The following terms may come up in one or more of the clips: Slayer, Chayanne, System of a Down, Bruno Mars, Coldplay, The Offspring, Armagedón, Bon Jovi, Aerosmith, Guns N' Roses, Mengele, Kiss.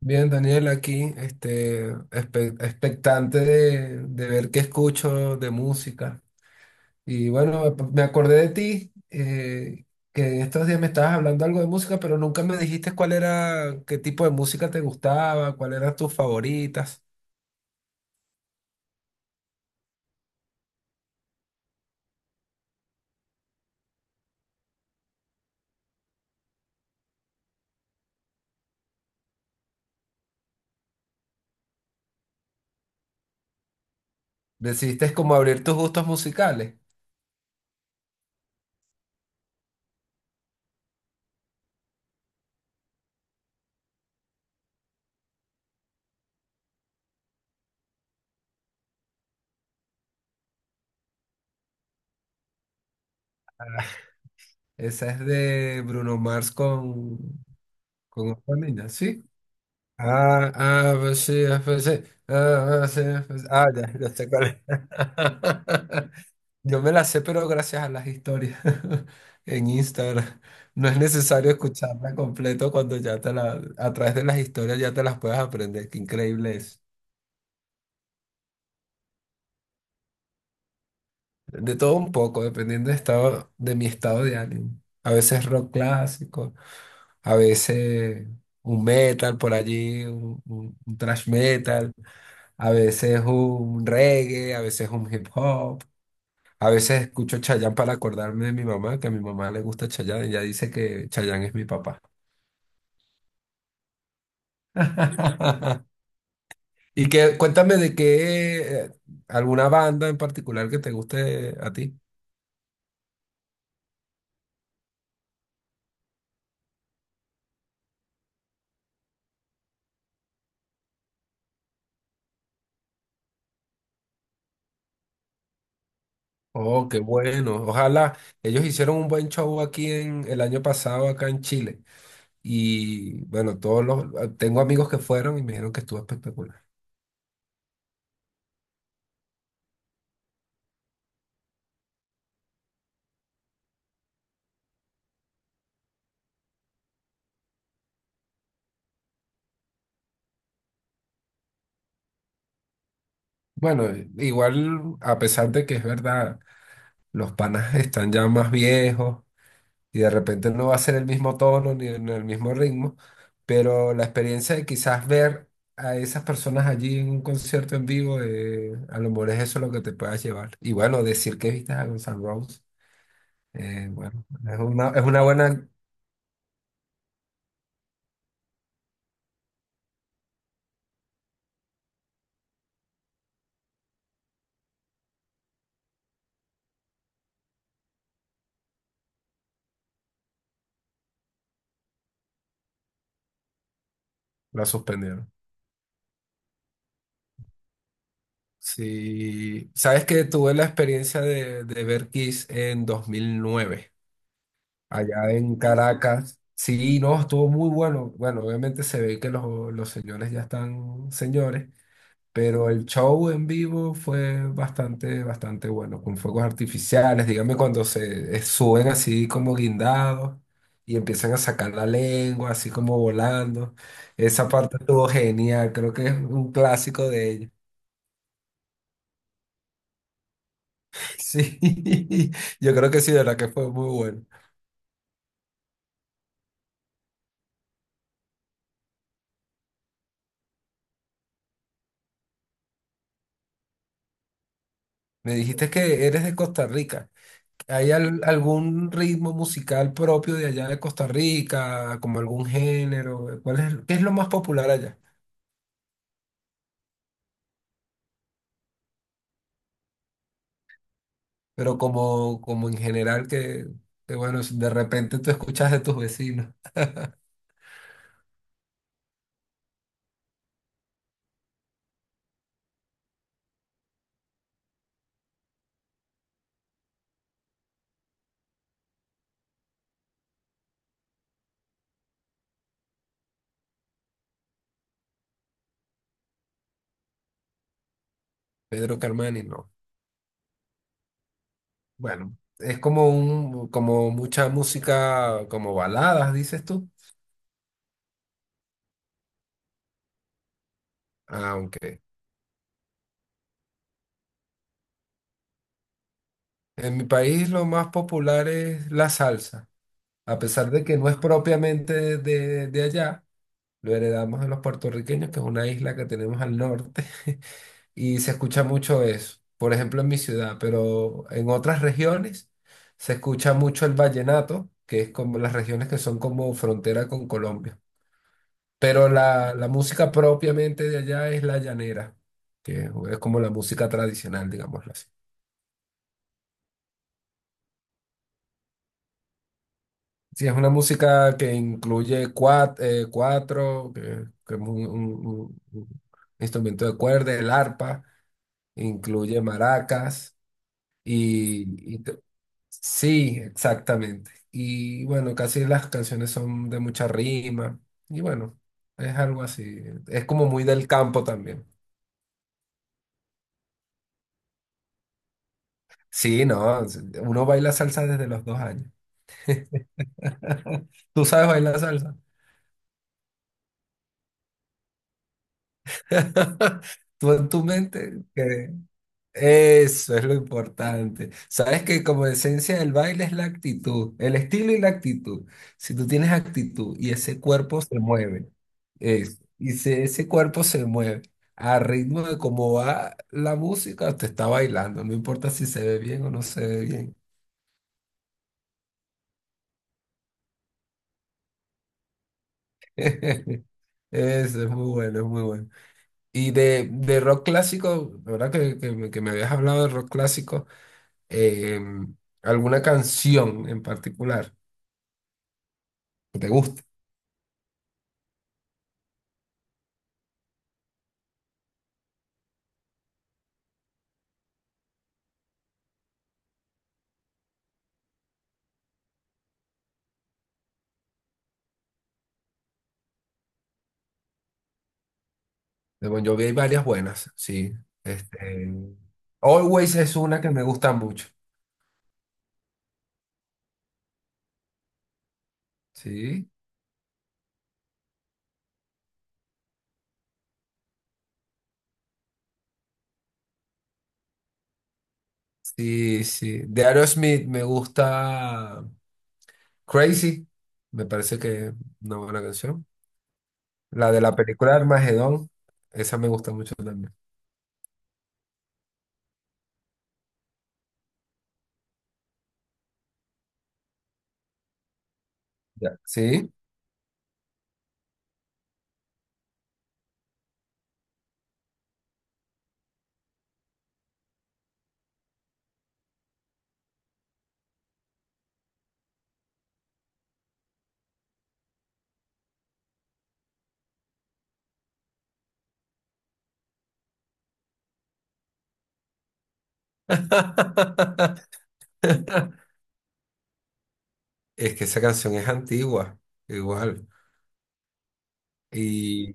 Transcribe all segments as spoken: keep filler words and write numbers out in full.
Bien, Daniel, aquí, este, espe- expectante de, de ver qué escucho de música. Y bueno, me acordé de ti, eh, que en estos días me estabas hablando algo de música, pero nunca me dijiste cuál era, qué tipo de música te gustaba, cuáles eran tus favoritas. Decidiste como abrir tus gustos musicales. Ah, esa es de Bruno Mars con, con otra niña, ¿sí? Ah, ah, pues sí, ah, pues sí. Ah, ah, sí, pues- ah, ya, ya sé cuál es. Yo me la sé, pero gracias a las historias en Instagram. No es necesario escucharla completo cuando ya te la, a través de las historias ya te las puedes aprender. Qué increíble es. De todo un poco, dependiendo de estado, de mi estado de ánimo. A veces rock clásico, a veces un metal por allí, un, un, un thrash metal, a veces un reggae, a veces un hip hop. A veces escucho Chayanne para acordarme de mi mamá, que a mi mamá le gusta Chayanne, y ella dice que Chayanne es mi papá. Y que cuéntame de qué eh, alguna banda en particular que te guste a ti. Oh, qué bueno. Ojalá ellos hicieron un buen show aquí en el año pasado acá en Chile. Y bueno, todos los tengo amigos que fueron y me dijeron que estuvo espectacular. Bueno, igual a pesar de que es verdad, los panas están ya más viejos y de repente no va a ser el mismo tono ni en el mismo ritmo, pero la experiencia de quizás ver a esas personas allí en un concierto en vivo, eh, a lo mejor es eso lo que te puedas llevar. Y bueno, decir que viste a Guns N' Roses, eh, bueno, es una, es una buena, la suspendieron. Sí, sabes que tuve la experiencia de, de ver Kiss en dos mil nueve, allá en Caracas. Sí, no, estuvo muy bueno. Bueno, obviamente se ve que los, los señores ya están señores, pero el show en vivo fue bastante, bastante bueno, con fuegos artificiales, dígame cuando se eh, suben así como guindados y empiezan a sacar la lengua, así como volando. Esa parte estuvo genial, creo que es un clásico de ellos. Sí, yo creo que sí, de verdad que fue muy bueno. Me dijiste que eres de Costa Rica. ¿Hay al- algún ritmo musical propio de allá de Costa Rica, como algún género? ¿Cuál es, qué es lo más popular allá? Pero como, como en general que, que, bueno, si de repente tú escuchas de tus vecinos, Pedro Carmani, no. Bueno, es como un, como mucha música, como baladas, dices tú. Aunque en mi país lo más popular es la salsa, a pesar de que no es propiamente de, de allá, lo heredamos de los puertorriqueños, que es una isla que tenemos al norte. Y se escucha mucho eso, por ejemplo en mi ciudad, pero en otras regiones se escucha mucho el vallenato, que es como las regiones que son como frontera con Colombia. Pero la, la música propiamente de allá es la llanera, que es como la música tradicional, digámoslo así. Sí, es una música que incluye cuatro, cuatro que, que es un, un- un- un instrumento de cuerda, el arpa, incluye maracas y. Sí, exactamente. Y bueno, casi las canciones son de mucha rima. Y bueno, es algo así. Es como muy del campo también. Sí, no, uno baila salsa desde los dos años. ¿Tú sabes bailar salsa? Tú en tu mente. Eso es lo importante. Sabes que como esencia del baile es la actitud, el estilo y la actitud. Si tú tienes actitud y ese cuerpo se mueve, eso, y si ese cuerpo se mueve a ritmo de cómo va la música, te está bailando, no importa si se ve bien o no se ve bien. Eso es muy bueno, es muy bueno. Y de, de rock clásico, la verdad que, que me que me habías hablado de rock clásico, em, ¿alguna canción en particular que te guste? De Bon Jovi hay varias buenas, sí. Este, Always es una que me gusta mucho. Sí, sí, sí. De Aerosmith me gusta Crazy, me parece que es una buena canción. La de la película Armagedón, esa me gusta mucho también. Ya. Sí. Es que esa canción es antigua, igual. Y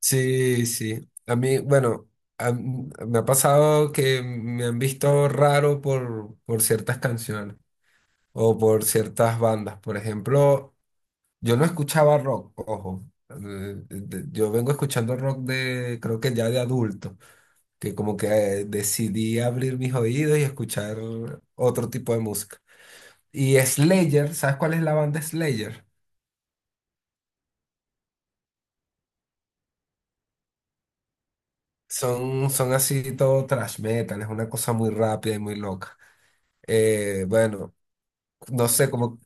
sí, sí. A mí, bueno, a m- me ha pasado que me han visto raro por, por ciertas canciones o por ciertas bandas. Por ejemplo, yo no escuchaba rock, ojo. Eh, de- Yo vengo escuchando rock de, creo que ya de adulto, que como que eh, decidí abrir mis oídos y escuchar otro tipo de música. Y Slayer, ¿sabes cuál es la banda Slayer? Son, son así todo thrash metal, es una cosa muy rápida y muy loca. Eh, bueno. No sé, como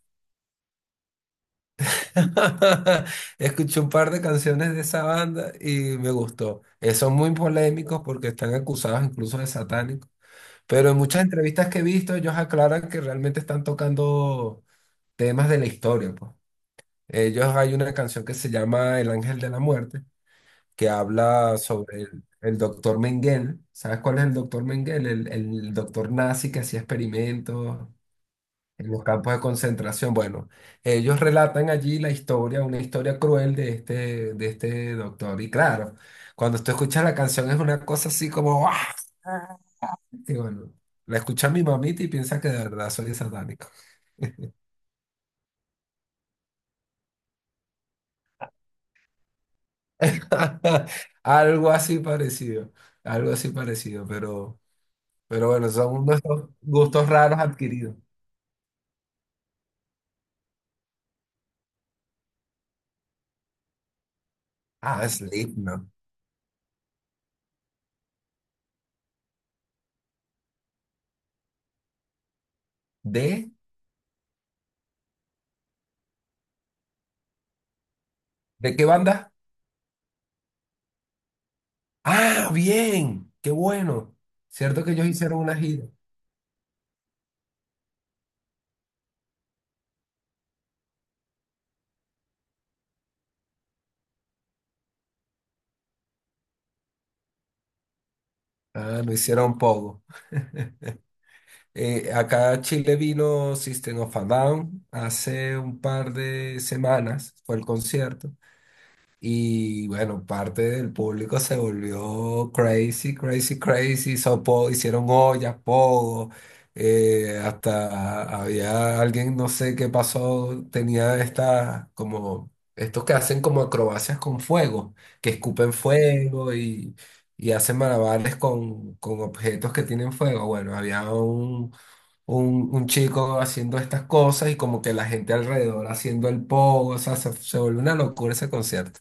escuché un par de canciones de esa banda y me gustó. Eh, son muy polémicos porque están acusados incluso de satánicos, pero en muchas entrevistas que he visto ellos aclaran que realmente están tocando temas de la historia, pues. Ellos hay una canción que se llama El Ángel de la Muerte, que habla sobre el, el doctor Mengele. ¿Sabes cuál es el doctor Mengele? El, el doctor nazi que hacía experimentos en los campos de concentración. Bueno, ellos relatan allí la historia, una historia cruel de este, de este, doctor. Y claro, cuando tú escuchas la canción es una cosa así como, ¡ah! Y bueno, la escucha mi mamita y piensa que de verdad soy satánico. Algo así parecido, algo así parecido, pero, pero bueno, son nuestros gustos raros adquiridos. Ah, Slipknot. ¿De? ¿De qué banda? Ah, bien, qué bueno. Cierto que ellos hicieron una gira. Ah, no hicieron poco. Eh, acá a Chile vino System of a Down hace un par de semanas, fue el concierto. Y bueno, parte del público se volvió crazy, crazy, crazy. Hizo po hicieron ollas, pogo. Eh, hasta había alguien, no sé qué pasó, tenía estas como estos que hacen como acrobacias con fuego, que escupen fuego y, y hacen malabares con, con objetos que tienen fuego. Bueno, había un, un, un chico haciendo estas cosas y como que la gente alrededor haciendo el pogo, o sea, se, se volvió una locura ese concierto.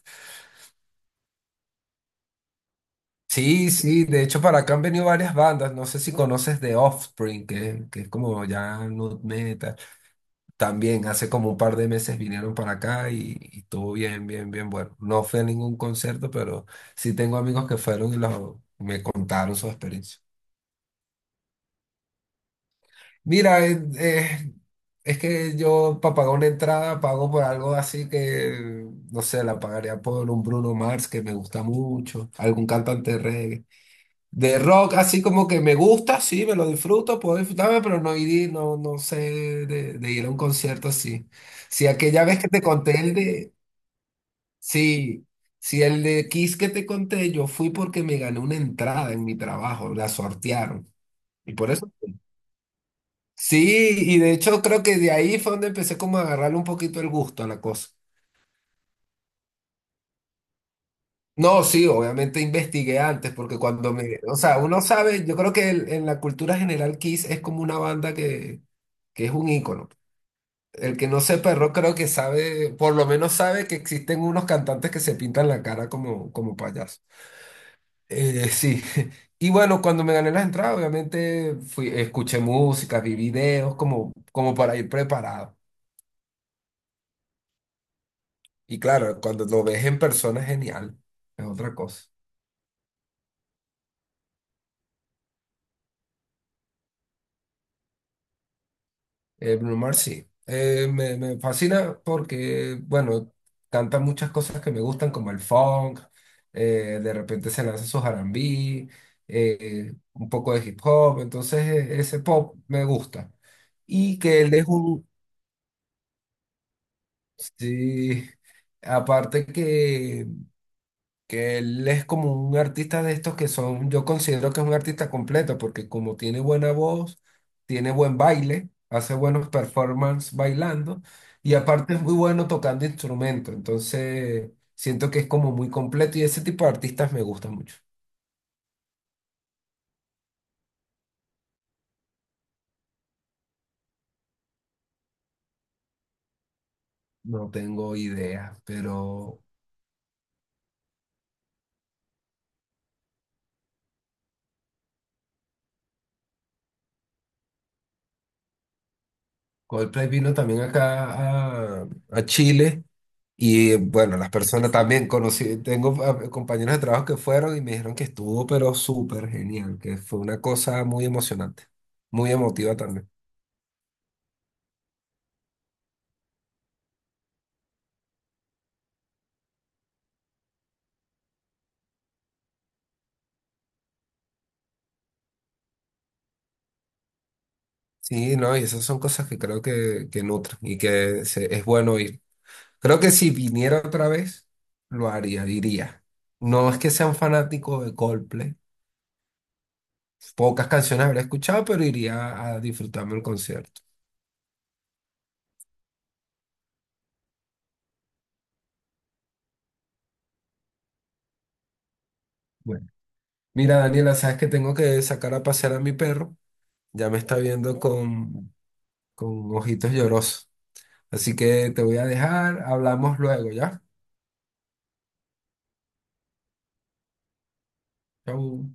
Sí, sí, de hecho para acá han venido varias bandas, no sé si conoces The Offspring, que, que es como ya nu metal, también hace como un par de meses vinieron para acá y, y estuvo bien, bien, bien bueno. No fui a ningún concierto, pero sí tengo amigos que fueron y los- me contaron su experiencia. Mira, eh, eh, es que yo para pagar una entrada pago por algo así que, no sé, la pagaría por un Bruno Mars que me gusta mucho, algún cantante de reggae. De rock, así como que me gusta, sí, me lo disfruto, puedo disfrutarme, pero no ir, no, no sé de, de ir a un concierto así. Si aquella vez que te conté el de, sí, si el de Kiss que te conté, yo fui porque me gané una entrada en mi trabajo, la sortearon. Y por eso fui. Sí, y de hecho creo que de ahí fue donde empecé como a agarrarle un poquito el gusto a la cosa. No, sí, obviamente investigué antes, porque cuando me, o sea, uno sabe, yo creo que el- en la cultura general Kiss es como una banda que, que es un ícono. El que no sepa rock creo que sabe, por lo menos sabe que existen unos cantantes que se pintan la cara como, como payaso. Eh, sí, y bueno, cuando me gané las entradas, obviamente fui, escuché música, vi videos, como, como para ir preparado. Y claro, cuando lo ves en persona es genial, es otra cosa. Eh, Bruno Mars, sí. Eh, me, me fascina porque, bueno, canta muchas cosas que me gustan, como el funk, eh, de repente se lanza su R and B, eh, un poco de hip hop, entonces eh, ese pop me gusta. Y que él es un... Sí, aparte que que él es como un artista de estos que son, yo considero que es un artista completo, porque como tiene buena voz, tiene buen baile, hace buenos performances bailando, y aparte es muy bueno tocando instrumento, entonces siento que es como muy completo y ese tipo de artistas me gusta mucho. No tengo idea, pero Coldplay vino también acá a, a Chile. Y bueno, las personas también conocí, tengo ah, compañeros de trabajo que fueron y me dijeron que estuvo, pero súper genial, que fue una cosa muy emocionante, muy emotiva también. Sí, no, y esas son cosas que creo que, que nutren y que se- es bueno ir. Creo que si viniera otra vez, lo haría, diría. No es que sea un fanático de Coldplay, pocas canciones habré escuchado, pero iría a disfrutarme el concierto. Bueno, mira, Daniela, sabes que tengo que sacar a pasear a mi perro. Ya me está viendo con con ojitos llorosos. Así que te voy a dejar, hablamos luego, ¿ya? Chau.